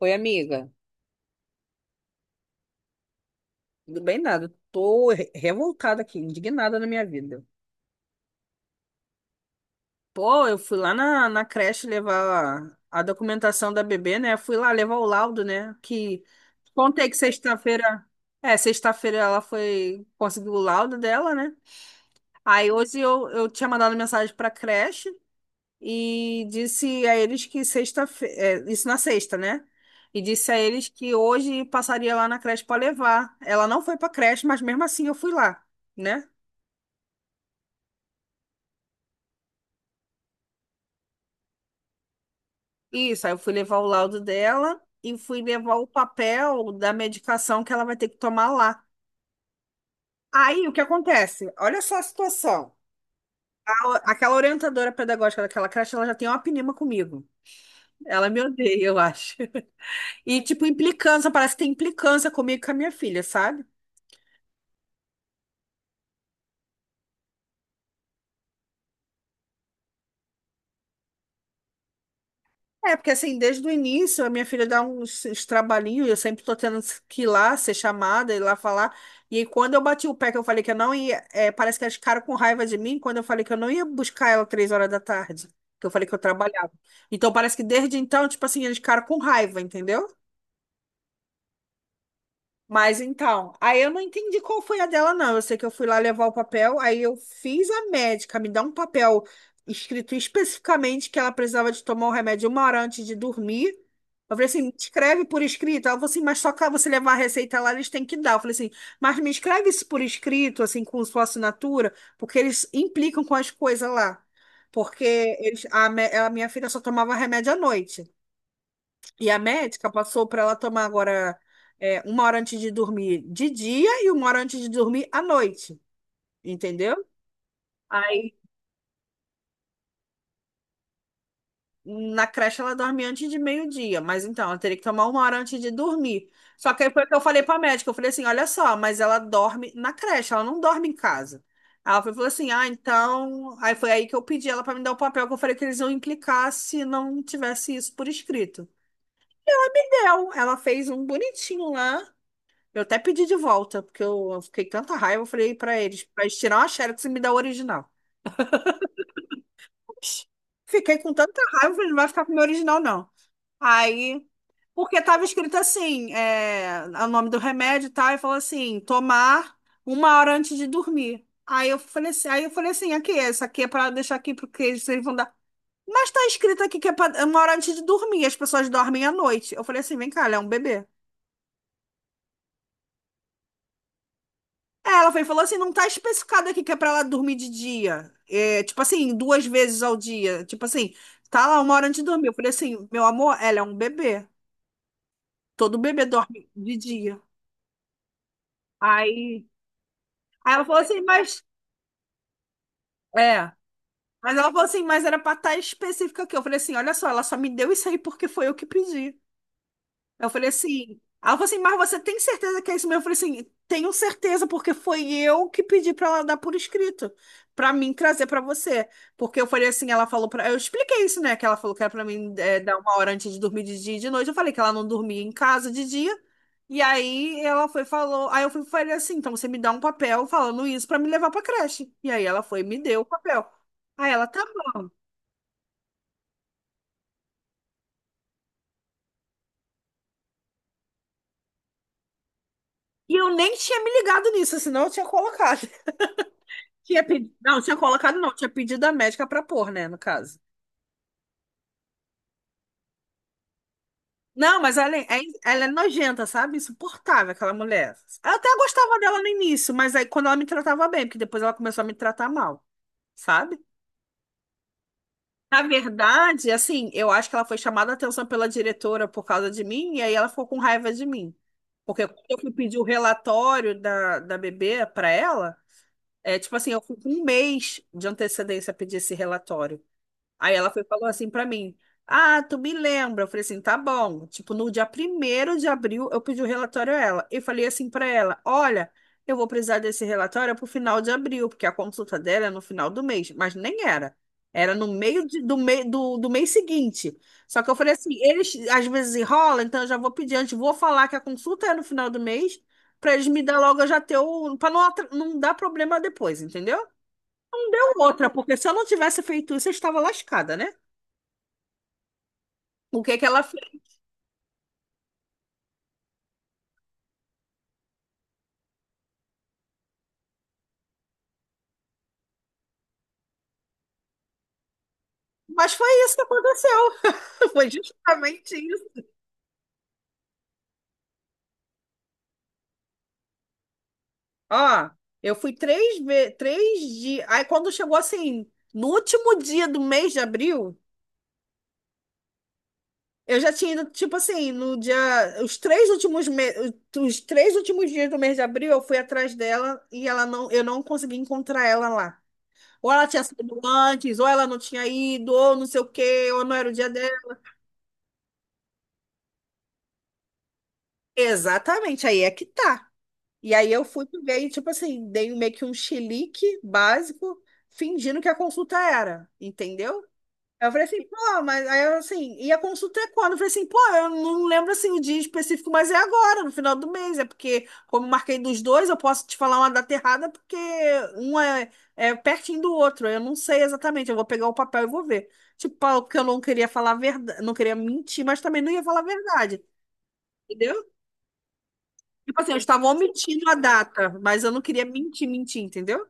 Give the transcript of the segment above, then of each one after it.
Oi, amiga. Tudo bem, nada. Tô revoltada aqui, indignada na minha vida. Pô, eu fui lá na creche levar a documentação da bebê, né? Fui lá levar o laudo, né? Que contei que sexta-feira. É, sexta-feira ela foi conseguiu o laudo dela, né? Aí hoje eu tinha mandado mensagem pra creche e disse a eles que sexta-feira. Isso na sexta, né? E disse a eles que hoje passaria lá na creche pra levar. Ela não foi pra creche, mas mesmo assim eu fui lá, né? Isso, aí eu fui levar o laudo dela e fui levar o papel da medicação que ela vai ter que tomar lá. Aí o que acontece? Olha só a situação. Aquela orientadora pedagógica daquela creche, ela já tem uma pinima comigo. Ela me odeia, eu acho. E, tipo, implicância, parece que tem implicância comigo e com a minha filha, sabe? É, porque assim, desde o início, a minha filha dá uns trabalhinhos, eu sempre tô tendo que ir lá, ser chamada, ir lá falar. E aí, quando eu bati o pé, que eu falei que eu não ia, parece que elas ficaram com raiva de mim, quando eu falei que eu não ia buscar ela três horas da tarde, que eu falei que eu trabalhava. Então, parece que desde então, tipo assim, eles ficaram com raiva, entendeu? Mas então, aí eu não entendi qual foi a dela, não. Eu sei que eu fui lá levar o papel, aí eu fiz a médica me dar um papel escrito especificamente que ela precisava de tomar o remédio uma hora antes de dormir. Eu falei assim, me escreve por escrito. Ela falou assim, mas só que você levar a receita lá, eles têm que dar. Eu falei assim, mas me escreve isso por escrito, assim, com sua assinatura, porque eles implicam com as coisas lá. Porque eles, a, a minha filha só tomava remédio à noite. E a médica passou para ela tomar agora uma hora antes de dormir de dia e uma hora antes de dormir à noite, entendeu? Aí na creche ela dorme antes de meio-dia, mas então ela teria que tomar uma hora antes de dormir. Só que aí foi o que eu falei para a médica, eu falei assim, olha só, mas ela dorme na creche, ela não dorme em casa. Falou assim, ah, então. Aí foi aí que eu pedi ela para me dar o papel, que eu falei que eles iam implicar se não tivesse isso por escrito. Deu, ela fez um bonitinho lá. Eu até pedi de volta, porque eu fiquei com tanta raiva, eu falei pra eles tirar uma Xerox e me dar o original. Oxi, fiquei com tanta raiva, eu falei, não vai ficar com o meu original, não. Aí, porque tava escrito assim, o nome do remédio e tal, e falou assim, tomar uma hora antes de dormir. Aí eu falei assim, aqui, essa aqui é pra deixar aqui, porque eles vão dar. Mas tá escrito aqui que é é uma hora antes de dormir, as pessoas dormem à noite. Eu falei assim, vem cá, ela é um bebê. É, ela foi, e falou assim, não tá especificado aqui que é pra ela dormir de dia. É, tipo assim, duas vezes ao dia. Tipo assim, tá lá uma hora antes de dormir. Eu falei assim, meu amor, ela é um bebê. Todo bebê dorme de dia. Aí, aí ela falou assim, mas... É. Mas ela falou assim, mas era pra estar específica aqui. Eu falei assim, olha só, ela só me deu isso aí porque foi eu que pedi. Aí ela falou assim, mas você tem certeza que é isso mesmo? Eu falei assim, tenho certeza, porque foi eu que pedi para ela dar por escrito, para mim trazer para você. Porque eu falei assim, ela falou para, eu expliquei isso, né? Que ela falou que era para mim dar uma hora antes de dormir de dia e de noite. Eu falei que ela não dormia em casa de dia. E aí ela foi e falou, aí eu fui falei assim, então você me dá um papel falando isso para me levar para creche. E aí ela foi e me deu o papel. Aí ela tá bom. E eu nem tinha me ligado nisso, senão eu tinha colocado. Tinha pedido, não, tinha colocado não, tinha pedido a médica pra pôr, né, no caso. Não, mas ela é, ela é nojenta, sabe? Insuportável, aquela mulher. Eu até gostava dela no início, mas aí quando ela me tratava bem, porque depois ela começou a me tratar mal, sabe? Na verdade, assim, eu acho que ela foi chamada a atenção pela diretora por causa de mim, e aí ela ficou com raiva de mim. Porque quando eu fui pedir o relatório da bebê pra ela, é tipo assim, eu fui com um mês de antecedência pedir esse relatório. Aí ela foi, e falou assim pra mim: Ah, tu me lembra? Eu falei assim: tá bom. Tipo, no dia primeiro de abril, eu pedi o relatório a ela. E falei assim pra ela: Olha, eu vou precisar desse relatório pro final de abril, porque a consulta dela é no final do mês. Mas nem era. Era no meio do mês seguinte. Só que eu falei assim: eles às vezes enrolam, então eu já vou pedir antes, vou falar que a consulta é no final do mês. Pra eles me dar logo, eu já ter o. Pra não, não dar problema depois, entendeu? Outra, porque se eu não tivesse feito isso, eu estava lascada, né? O que que ela fez? Mas foi isso que aconteceu. Foi justamente isso. Ó, eu fui três vezes, três dias. Aí quando chegou assim, no último dia do mês de abril, eu já tinha ido, tipo assim, no dia, os três últimos me... os três últimos dias do mês de abril, eu fui atrás dela e ela não, eu não consegui encontrar ela lá. Ou ela tinha saído antes, ou ela não tinha ido, ou não sei o quê, ou não era o dia dela. Exatamente, aí é que tá. E aí eu fui ver e, tipo assim, dei meio que um chilique básico, fingindo que a consulta era, entendeu? Aí eu falei assim, pô, mas aí eu assim, e a consulta é quando? Eu falei assim, pô, eu não lembro assim o dia específico, mas é agora, no final do mês. É porque, como eu marquei dos dois, eu posso te falar uma data errada, porque um é pertinho do outro. Eu não sei exatamente, eu vou pegar o papel e vou ver. Tipo, porque eu não queria falar verdade, não queria mentir, mas também não ia falar a verdade. Entendeu? Tipo assim, eu estava omitindo a data, mas eu não queria mentir, mentir, entendeu?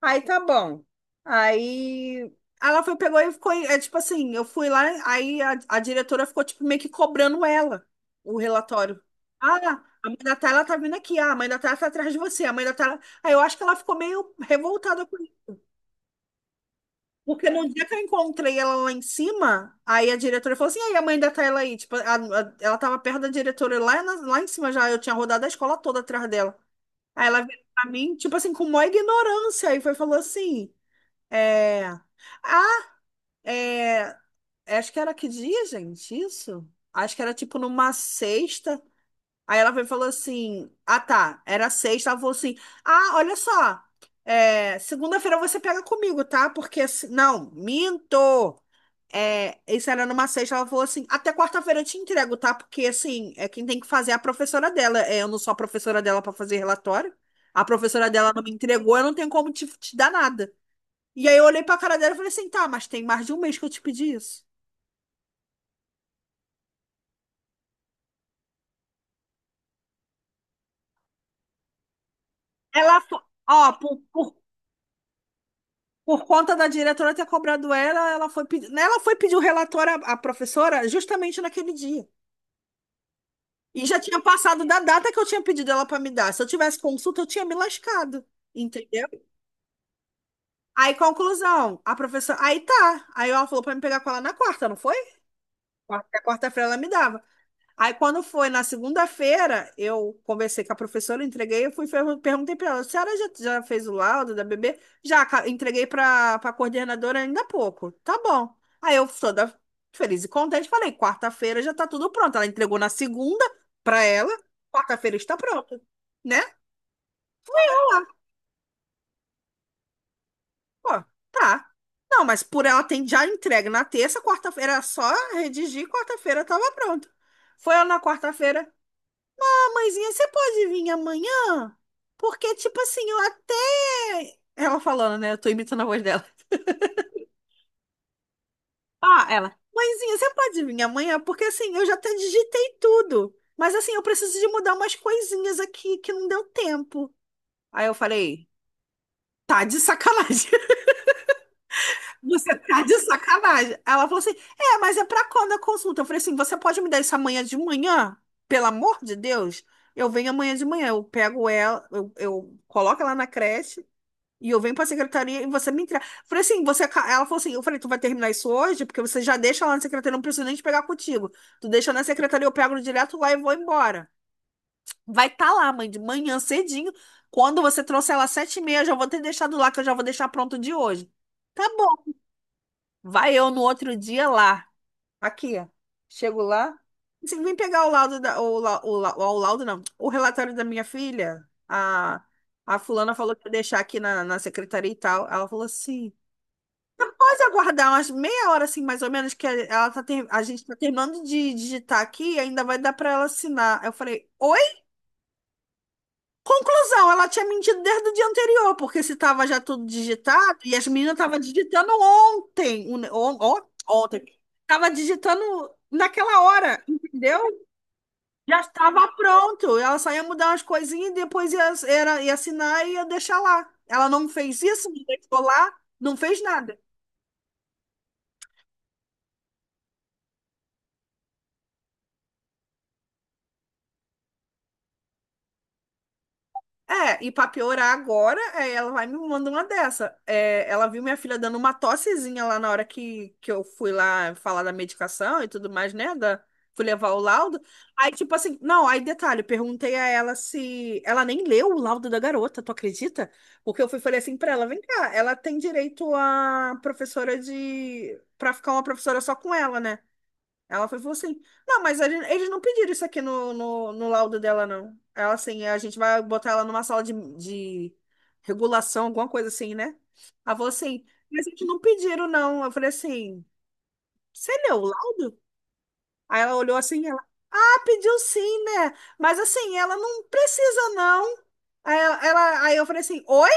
Aí tá bom. Aí ela foi, pegou e ficou. É tipo assim, eu fui lá, aí a diretora ficou tipo meio que cobrando ela, o relatório. Ah, a mãe da Tayla tá vindo aqui, ah, a mãe da Tayla tá atrás de você, a mãe da Tayla. Aí eu acho que ela ficou meio revoltada com isso. Porque no dia que eu encontrei ela lá em cima, aí a diretora falou assim: e aí a mãe da Tayla aí? Tipo, ela tava perto da diretora lá, lá em cima já, eu tinha rodado a escola toda atrás dela. Aí ela veio pra mim, tipo assim, com maior ignorância, e foi falou assim, é... Ah, é... acho que era que dia, gente, isso? Acho que era tipo numa sexta. Aí ela veio e falou assim, ah tá, era sexta, ela falou assim, ah, olha só, segunda-feira você pega comigo, tá? Porque, não, minto! É, isso era numa sexta, ela falou assim, até quarta-feira eu te entrego, tá? Porque, assim, é quem tem que fazer é a professora dela. É, eu não sou a professora dela para fazer relatório. A professora dela não me entregou, eu não tenho como te dar nada. E aí eu olhei pra cara dela e falei assim, tá, mas tem mais de um mês que eu te pedi isso. Ela, fo- Ó, por conta da diretora ter cobrado ela, ela foi, ela foi pedir o relatório à professora justamente naquele dia. E já tinha passado da data que eu tinha pedido ela para me dar. Se eu tivesse consulta, eu tinha me lascado, entendeu? Aí, conclusão, a professora. Aí tá. Aí ela falou pra me pegar com ela na quarta, não foi? Quarta-feira ela me dava. Aí, quando foi na segunda-feira, eu conversei com a professora, entreguei, perguntei pra ela: a senhora já fez o laudo da bebê? Entreguei pra coordenadora ainda há pouco. Tá bom. Aí eu, toda feliz e contente, falei: quarta-feira já tá tudo pronto. Ela entregou na segunda pra ela, quarta-feira está pronto, né? Pô, tá. Não, mas por ela tem já entregue na terça, quarta-feira era só redigir, quarta-feira tava pronto. Foi ela na quarta-feira. Ah, mãezinha, você pode vir amanhã? Porque, tipo assim, eu até. Ela falando, né? Eu tô imitando a voz dela. Ah, ela. Mãezinha, você pode vir amanhã? Porque, assim, eu já até digitei tudo. Mas, assim, eu preciso de mudar umas coisinhas aqui que não deu tempo. Aí eu falei, tá de sacanagem. Você tá de sacanagem. Ela falou assim: É, mas é pra quando a consulta? Eu falei assim: Você pode me dar isso amanhã de manhã? Pelo amor de Deus. Eu venho amanhã de manhã. Eu pego ela, eu coloco ela na creche e eu venho pra secretaria e você me entrega. Eu falei assim: Ela falou assim: Eu falei, tu vai terminar isso hoje? Porque você já deixa lá na secretaria, não preciso nem te pegar contigo. Tu deixa na secretaria, eu pego direto lá e vou embora. Vai estar tá lá, mãe, de manhã cedinho. Quando você trouxer ela às sete e meia, eu já vou ter deixado lá, que eu já vou deixar pronto de hoje. Tá bom. Vai eu no outro dia lá. Aqui, ó. Chego lá. Você vim pegar o laudo da, o, lau- o, lau- o laudo, não. O relatório da minha filha. A fulana falou que ia deixar aqui na secretaria e tal. Ela falou assim: pode aguardar umas meia hora, assim, mais ou menos, que a gente tá terminando de digitar aqui e ainda vai dar pra ela assinar. Eu falei, oi? Conclusão, ela tinha mentido desde o dia anterior, porque se estava já tudo digitado, e as meninas estavam digitando ontem, ontem, estava digitando naquela hora, entendeu? Já estava pronto, ela só ia mudar umas coisinhas e depois ia assinar e ia deixar lá. Ela não fez isso, não deixou lá, não fez nada. É, e pra piorar agora, é, ela vai e me mandar uma dessa. É, ela viu minha filha dando uma tossezinha lá na hora que eu fui lá falar da medicação e tudo mais, né? Da, fui levar o laudo. Aí, tipo assim, não, aí detalhe, eu perguntei a ela se. Ela nem leu o laudo da garota, tu acredita? Porque eu fui e falei assim pra ela: vem cá, ela tem direito a professora de. Pra ficar uma professora só com ela, né? Falou assim: Não, eles não pediram isso aqui no laudo dela, não. Ela assim: A gente vai botar ela numa sala de regulação, alguma coisa assim, né? Ela falou assim: Mas a gente não pediram, não. Eu falei assim: Você leu o laudo? Aí ela olhou assim: ela, ah, pediu sim, né? Mas assim, ela não precisa, não. Aí, aí eu falei assim: Oi?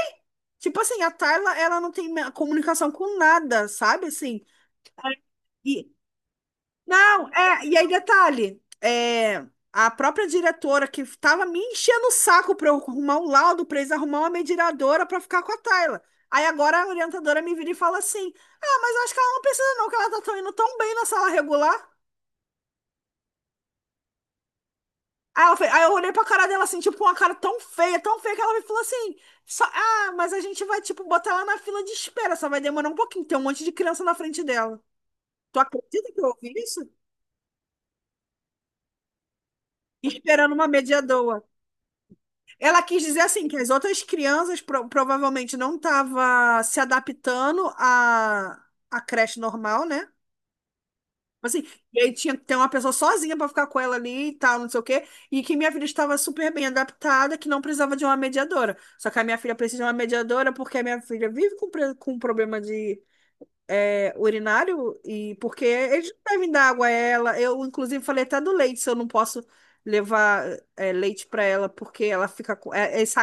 Tipo assim, a Tayla, ela não tem me- comunicação com nada, sabe? Assim. Não, é, e aí detalhe, é, a própria diretora que estava me enchendo o saco para eu arrumar um laudo, para eles arrumar uma mediadora para ficar com a Tayla. Aí agora a orientadora me vira e fala assim: Ah, mas eu acho que ela não precisa, não, que indo tão bem na sala regular. Aí, aí eu olhei pra cara dela assim, tipo, com uma cara tão feia, que ela me falou assim: Ah, mas a gente vai, tipo, botar ela na fila de espera, só vai demorar um pouquinho, tem um monte de criança na frente dela. Tu acredita que eu ouvi isso? Esperando uma mediadora. Ela quis dizer assim que as outras crianças provavelmente não estavam se adaptando à, à creche normal, né? Assim, e aí tinha que ter uma pessoa sozinha para ficar com ela ali e tal, não sei o quê. E que minha filha estava super bem adaptada, que não precisava de uma mediadora. Só que a minha filha precisa de uma mediadora porque a minha filha vive com, com um problema de é, urinário e porque eles não devem dar água a ela. Eu, inclusive, falei até do leite, se eu não posso levar é, leite para ela, porque ela fica com. É, é esse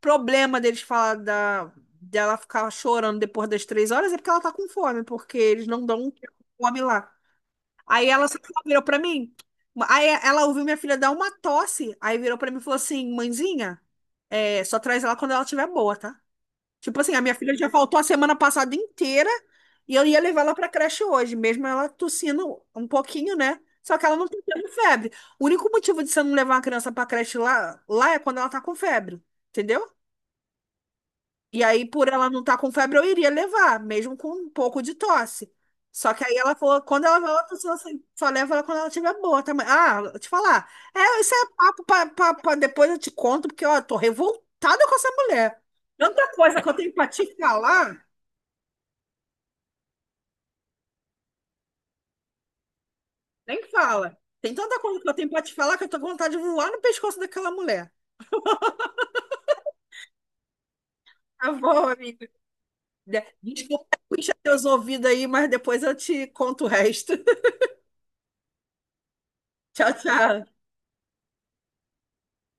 problema deles falar da, dela ficar chorando depois das 3 horas é porque ela tá com fome, porque eles não dão um fome lá. Aí ela só virou para mim. Aí ela ouviu minha filha dar uma tosse, aí virou para mim e falou assim: Mãezinha, é, só traz ela quando ela estiver boa, tá? Tipo assim, a minha filha já faltou a semana passada inteira e eu ia levar ela pra creche hoje, mesmo ela tossindo um pouquinho, né? Só que ela não tem tendo febre. O único motivo de você não levar uma criança pra creche lá, lá é quando ela tá com febre, entendeu? E aí, por ela não estar tá com febre, eu iria levar, mesmo com um pouco de tosse. Só que aí ela falou, quando ela vai, ela tossiu assim, só leva ela quando ela tiver boa também. Ah, vou te falar. É, isso é papo pra depois eu te conto, porque ó, eu tô revoltada com essa mulher. Tanta coisa que eu tenho pra te falar. Nem fala. Tem tanta coisa que eu tenho pra te falar que eu tô com vontade de voar no pescoço daquela mulher. Tá bom, amigo. Desculpa, puxa teus ouvidos aí, mas depois eu te conto o resto. Tchau, tchau.